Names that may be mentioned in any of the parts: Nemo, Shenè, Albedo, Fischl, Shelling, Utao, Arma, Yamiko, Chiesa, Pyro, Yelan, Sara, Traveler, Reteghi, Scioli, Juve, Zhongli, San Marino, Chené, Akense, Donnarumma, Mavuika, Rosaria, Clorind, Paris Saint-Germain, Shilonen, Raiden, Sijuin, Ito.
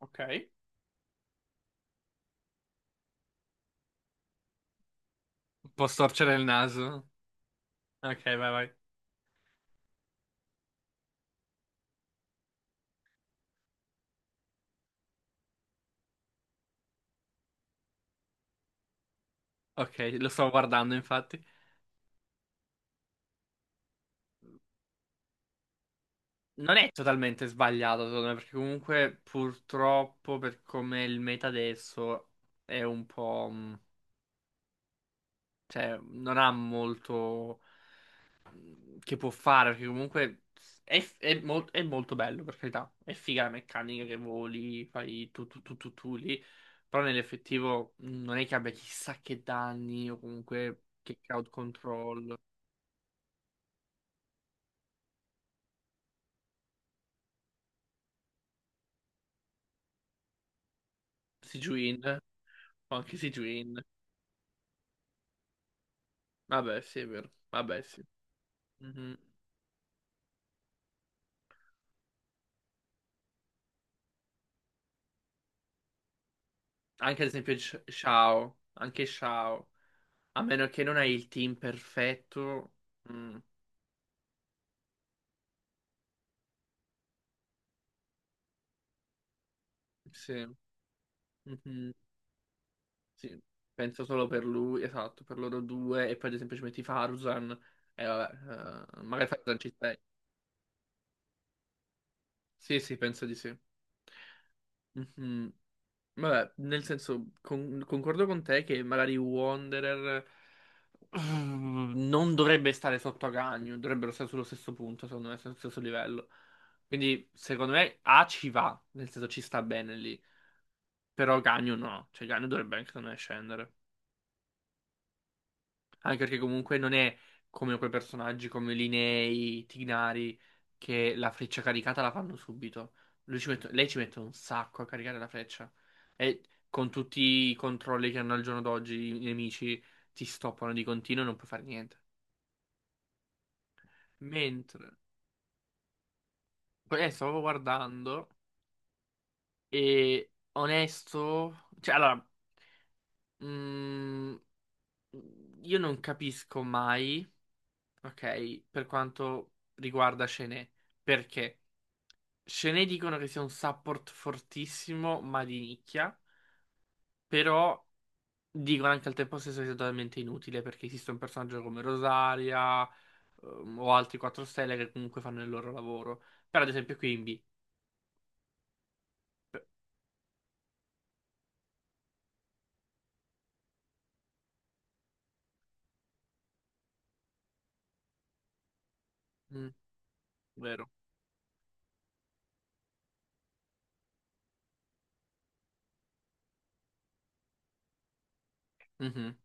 Ok. Può storcere il naso. Ok, vai, vai. Ok, lo stavo guardando, infatti. Non è totalmente sbagliato, secondo me, perché comunque, purtroppo, per come è il meta adesso, è un po'. Cioè, non ha molto che può fare, perché comunque è, è molto bello, per carità. È figa la meccanica che voli, fai tu tu tu tu tu lì. Però nell'effettivo non è che abbia chissà che danni o comunque che crowd control. Sijuin, o anche Sijuin. Vabbè, sì, è vero. Vabbè, sì. Mhm. Anche ad esempio Shao, anche Shao. A meno che non hai il team perfetto. mm, Sì. Mhm, sì. Penso solo per lui, esatto, per loro due. E poi ad esempio ci metti Faruzan. E vabbè, magari Faruzan ci stai. Sì, sì, penso di sì. Mhm. Vabbè, nel senso, concordo con te che magari Wanderer. Non dovrebbe stare sotto a Agagno, dovrebbero stare sullo stesso punto, secondo me, sullo stesso livello. Quindi, secondo me, A ci va, nel senso ci sta bene lì. Però Agagno no, cioè Agagno dovrebbe anche, secondo me, scendere. Anche perché comunque non è come quei personaggi come Linei, Tignari, che la freccia caricata la fanno subito. Lei ci mette un sacco a caricare la freccia. E con tutti i controlli che hanno al giorno d'oggi i nemici ti stoppano di continuo e non puoi fare niente. Mentre. Stavo guardando e onesto, cioè allora, mm, io non capisco mai, ok, per quanto riguarda Chené, perché Chené dicono che sia un support fortissimo, ma di nicchia, però dicono anche al tempo stesso che sia totalmente inutile perché esiste un personaggio come Rosaria, o altri 4 stelle che comunque fanno il loro lavoro. Però ad esempio qui in B, mm, vero. Mhm.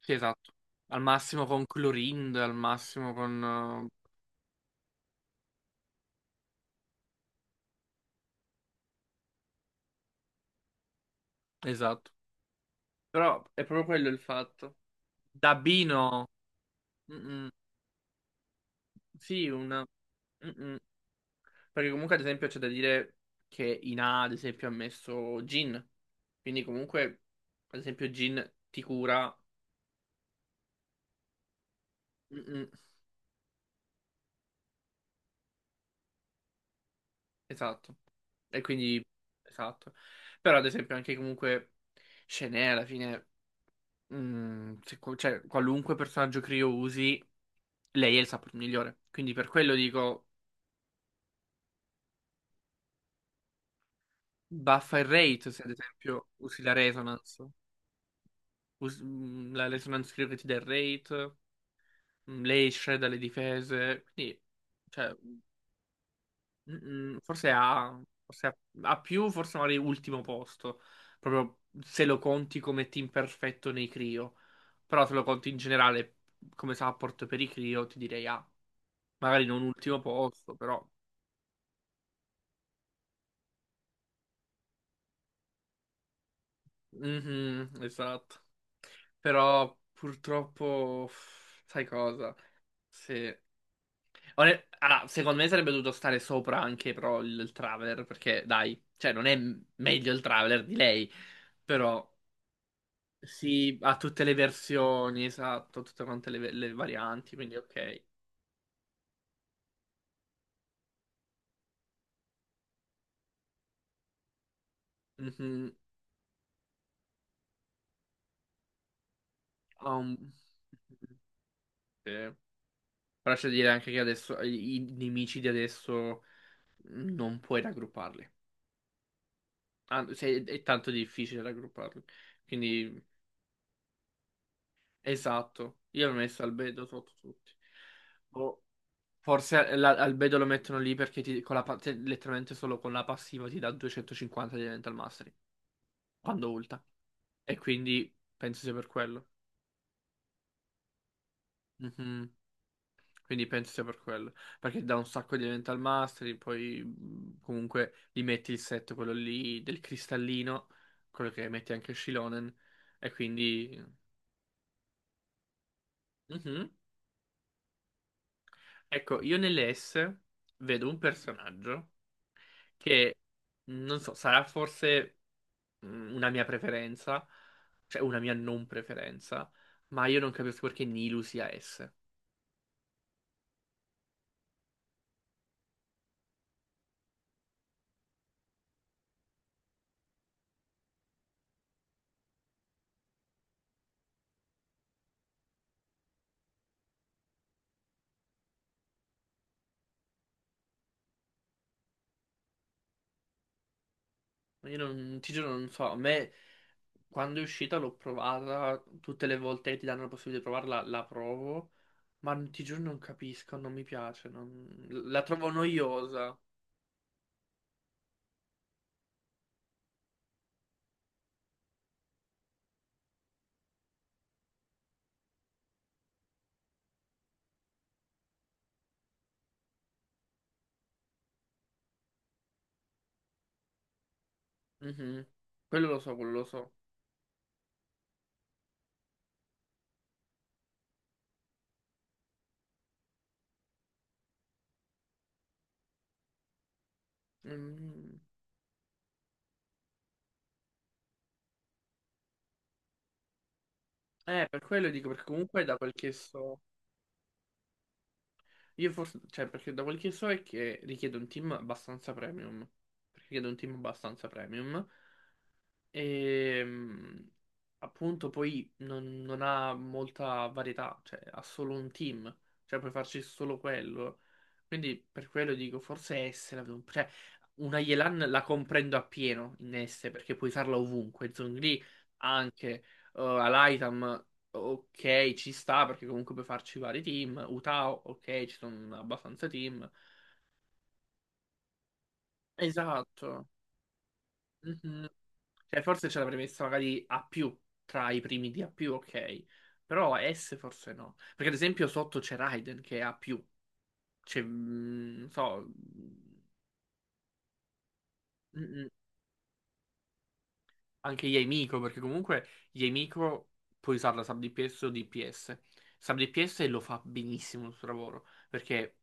Sì, esatto. Al massimo con Clorind, al massimo con. Esatto. Però è proprio quello il fatto. Dabino. mm, Sì, una. mm, Perché comunque, ad esempio, c'è da dire che Ina, ad esempio, ha messo Gin. Quindi comunque, ad esempio, Gin ti cura. Mm, esatto. E quindi. Esatto. Però, ad esempio, anche comunque. Shenè, alla fine. Cioè, qualunque personaggio Creo usi. Lei è il support migliore. Quindi per quello dico buffa il rate, se ad esempio usi la resonance. La resonance credo che ti dà il rate, lei shredda le difese, quindi cioè, mm, mm, forse ha, forse ha, ha più, forse magari ultimo posto, proprio se lo conti come team perfetto nei Crio. Però se lo conti in generale come support per i Crio ti direi A. Magari non ultimo posto, però. Mhm, esatto. Però purtroppo, sai cosa? Se. Allora, secondo me sarebbe dovuto stare sopra anche però il Traveler, perché dai, cioè non è meglio il Traveler di lei, però sì, ha tutte le versioni, esatto, tutte quante le varianti, quindi ok. Mhm, ha un- sì. Però c'è da dire anche che adesso i nemici di adesso non puoi raggrupparli. Ah, è tanto difficile raggrupparli. Quindi, esatto. Io ho messo Albedo sotto tutti. O forse Albedo lo mettono lì perché con la letteralmente solo con la passiva ti dà 250 di Elemental Mastery quando ulta. E quindi penso sia per quello. Mhm. Quindi penso sia per quello. Perché dà un sacco di Elemental Mastery, poi comunque gli metti il set, quello lì del cristallino, quello che metti anche Shilonen. E quindi. Mhm. Ecco, io nelle S vedo un personaggio che, non so, sarà forse una mia preferenza, cioè una mia non preferenza, ma io non capisco perché Nilu sia S. Io non, ti giuro, non so, a me quando è uscita l'ho provata, tutte le volte che ti danno la possibilità di provarla, la provo, ma ti giuro non capisco, non mi piace, la trovo noiosa. Mhm. Quello lo so, quello lo so. Mm. Per quello dico, perché comunque da quel che so. Io forse, cioè, perché da quel che so è che richiede un team abbastanza premium. Richiede un team abbastanza premium. E appunto poi non ha molta varietà, cioè ha solo un team, cioè puoi farci solo quello. Quindi per quello dico forse S cioè una Yelan la comprendo appieno in S perché puoi usarla ovunque, Zhongli anche, Alaitam ok ci sta perché comunque puoi farci vari team, Utao ok ci sono abbastanza team. Esatto. Mhm. Cioè, forse ce l'avrei messa magari A più, tra i primi di A più, ok. Però S forse no. Perché ad esempio sotto c'è Raiden che è A più. C'è, non so, mm, mm, anche Yamiko, perché comunque Yamiko puoi usarla sub DPS o DPS. Sub DPS lo fa benissimo il suo lavoro, perché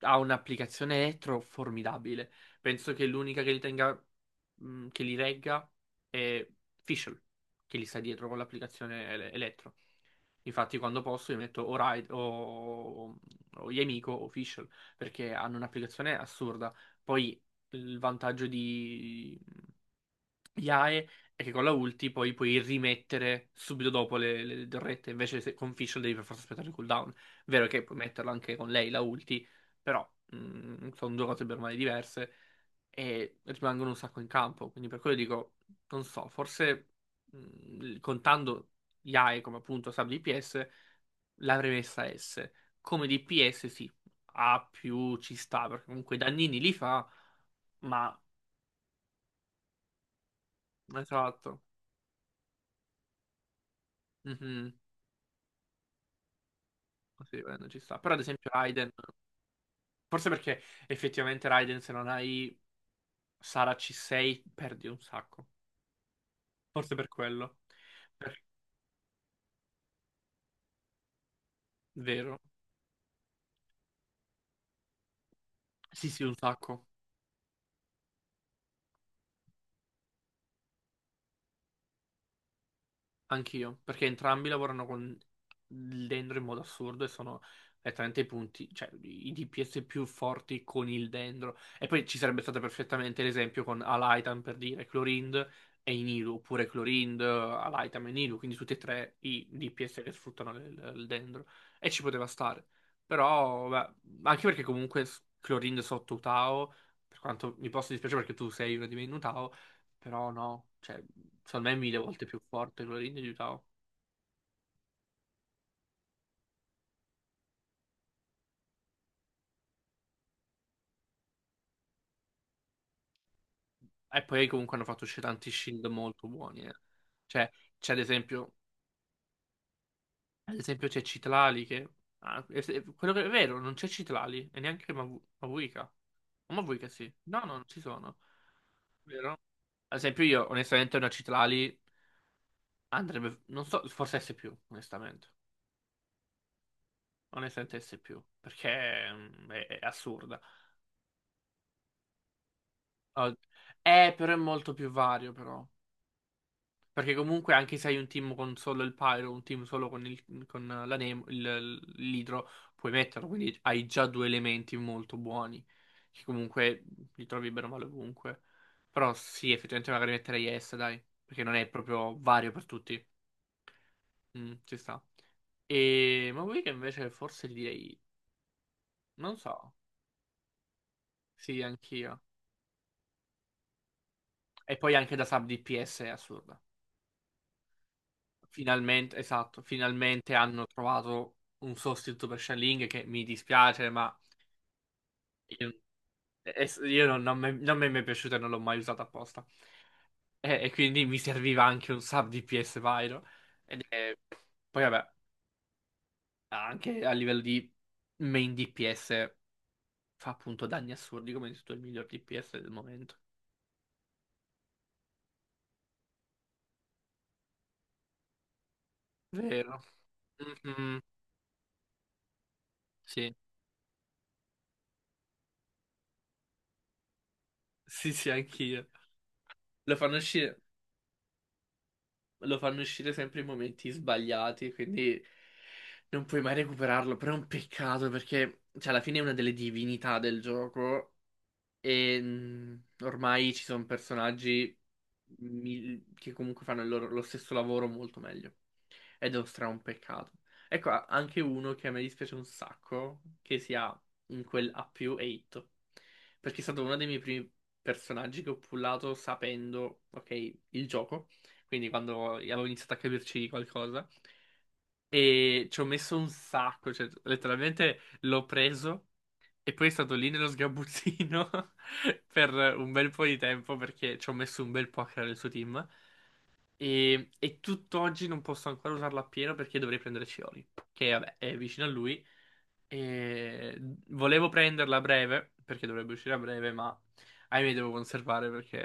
ha un'applicazione elettro formidabile. Penso che l'unica che li tenga, che li regga è Fischl, che li sta dietro con l'applicazione elettro. Infatti, quando posso, io metto o Yemiko o Fischl perché hanno un'applicazione assurda. Poi il vantaggio di IAE è che con la ulti poi puoi rimettere subito dopo le torrette. Invece se, con Fischl devi per forza aspettare il cooldown. Vero che puoi metterla anche con lei la ulti, però sono due cose per male diverse e rimangono un sacco in campo. Quindi per quello dico, non so, forse contando IAE come appunto sub DPS, l'avrei messa S. Come DPS sì, A più ci sta, perché comunque i dannini li fa, ma. Esatto. Mhm. Sì, Raiden ci sta. Però ad esempio Raiden, forse perché effettivamente Raiden se non hai Sara C6 perdi un sacco. Forse per quello. Per- Vero. Sì, sì, un sacco. Anch'io, perché entrambi lavorano con il dendro in modo assurdo e sono letteralmente i punti, cioè i DPS più forti con il dendro. E poi ci sarebbe stato perfettamente l'esempio con Alaitan per dire Clorind e Inilu, oppure Clorind, Alaitan e Inilu, quindi tutti e tre i DPS che sfruttano il dendro. E ci poteva stare. Però, beh, anche perché comunque Clorind sotto Utao, per quanto mi possa dispiacere perché tu sei uno di me in Utao, però no. Cioè secondo me è mille volte più forte quello lì di Utah. E poi comunque hanno fatto uscire tanti shield molto buoni. Eh. Cioè, c'è ad esempio c'è Citlali che. Ah, quello che è vero, non c'è Citlali e neanche Mavuika. O Mavuika sì. No, no, non ci sono. Vero? Ad esempio io, onestamente, una Citlali andrebbe. Non so, forse S più, onestamente. Onestamente S più, perché è assurda. Oh, però è molto più vario, però. Perché comunque anche se hai un team con solo il Pyro, un team solo con, con la Nemo, l'Hydro, puoi metterlo, quindi hai già due elementi molto buoni, che comunque li trovi bene o male ovunque. Però sì, effettivamente magari metterei S, dai, perché non è proprio vario per tutti. Ci sta. E ma vuoi che invece forse gli direi, non so, sì, anch'io. E poi anche da sub DPS è assurda. Finalmente, esatto, finalmente hanno trovato un sostituto per Shelling che mi dispiace, ma io, io non mi è mai piaciuto e non l'ho mai usato apposta. E quindi mi serviva anche un sub DPS Pyro. Ed è- Poi vabbè, anche a livello di main DPS fa appunto danni assurdi come hai detto, tu, il miglior DPS del momento. Vero. Mhm. Sì, sì, sì, anch'io. Lo fanno uscire. Lo fanno uscire sempre in momenti sbagliati, quindi non puoi mai recuperarlo, però è un peccato perché cioè, alla fine è una delle divinità del gioco e ormai ci sono personaggi che comunque fanno lo stesso lavoro molto meglio. Ed è un stra un peccato. Ecco, anche uno che a me dispiace un sacco, che sia in quel A più 8. Perché è stato uno dei miei primi personaggi che ho pullato sapendo, ok, il gioco. Quindi quando avevo iniziato a capirci qualcosa. E ci ho messo un sacco, cioè letteralmente l'ho preso. E poi è stato lì nello sgabuzzino per un bel po' di tempo perché ci ho messo un bel po' a creare il suo team. E tutt'oggi non posso ancora usarlo appieno perché dovrei prendere Scioli, che vabbè è vicino a lui. E volevo prenderla a breve perché dovrebbe uscire a breve, ma ahimè devo conservare perché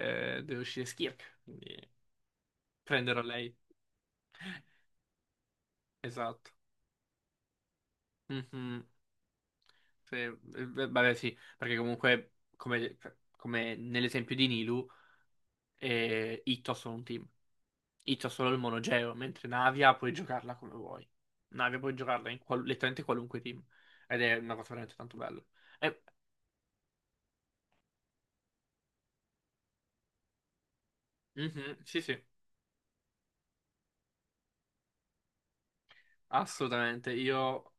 deve uscire Skirk. Quindi prenderò lei. Esatto. Mhm. Sì, beh, vabbè, sì, perché comunque, come nell'esempio di Nilu. E Ito sono un team. Ito ha solo il monogeo, mentre Navia puoi giocarla come vuoi. Navia puoi giocarla in letteralmente qualunque team. Ed è una cosa veramente tanto bella. E- Mhm, sì, sì, assolutamente. Io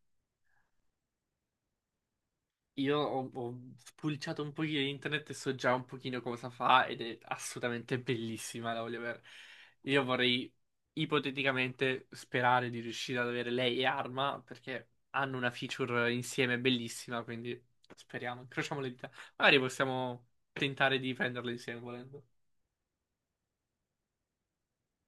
Io ho spulciato un pochino in internet e so già un pochino cosa fa ed è assolutamente bellissima la voglio avere. Io vorrei ipoteticamente sperare di riuscire ad avere lei e Arma perché hanno una feature insieme bellissima, quindi speriamo, incrociamo le dita. Magari possiamo tentare di prenderle insieme volendo.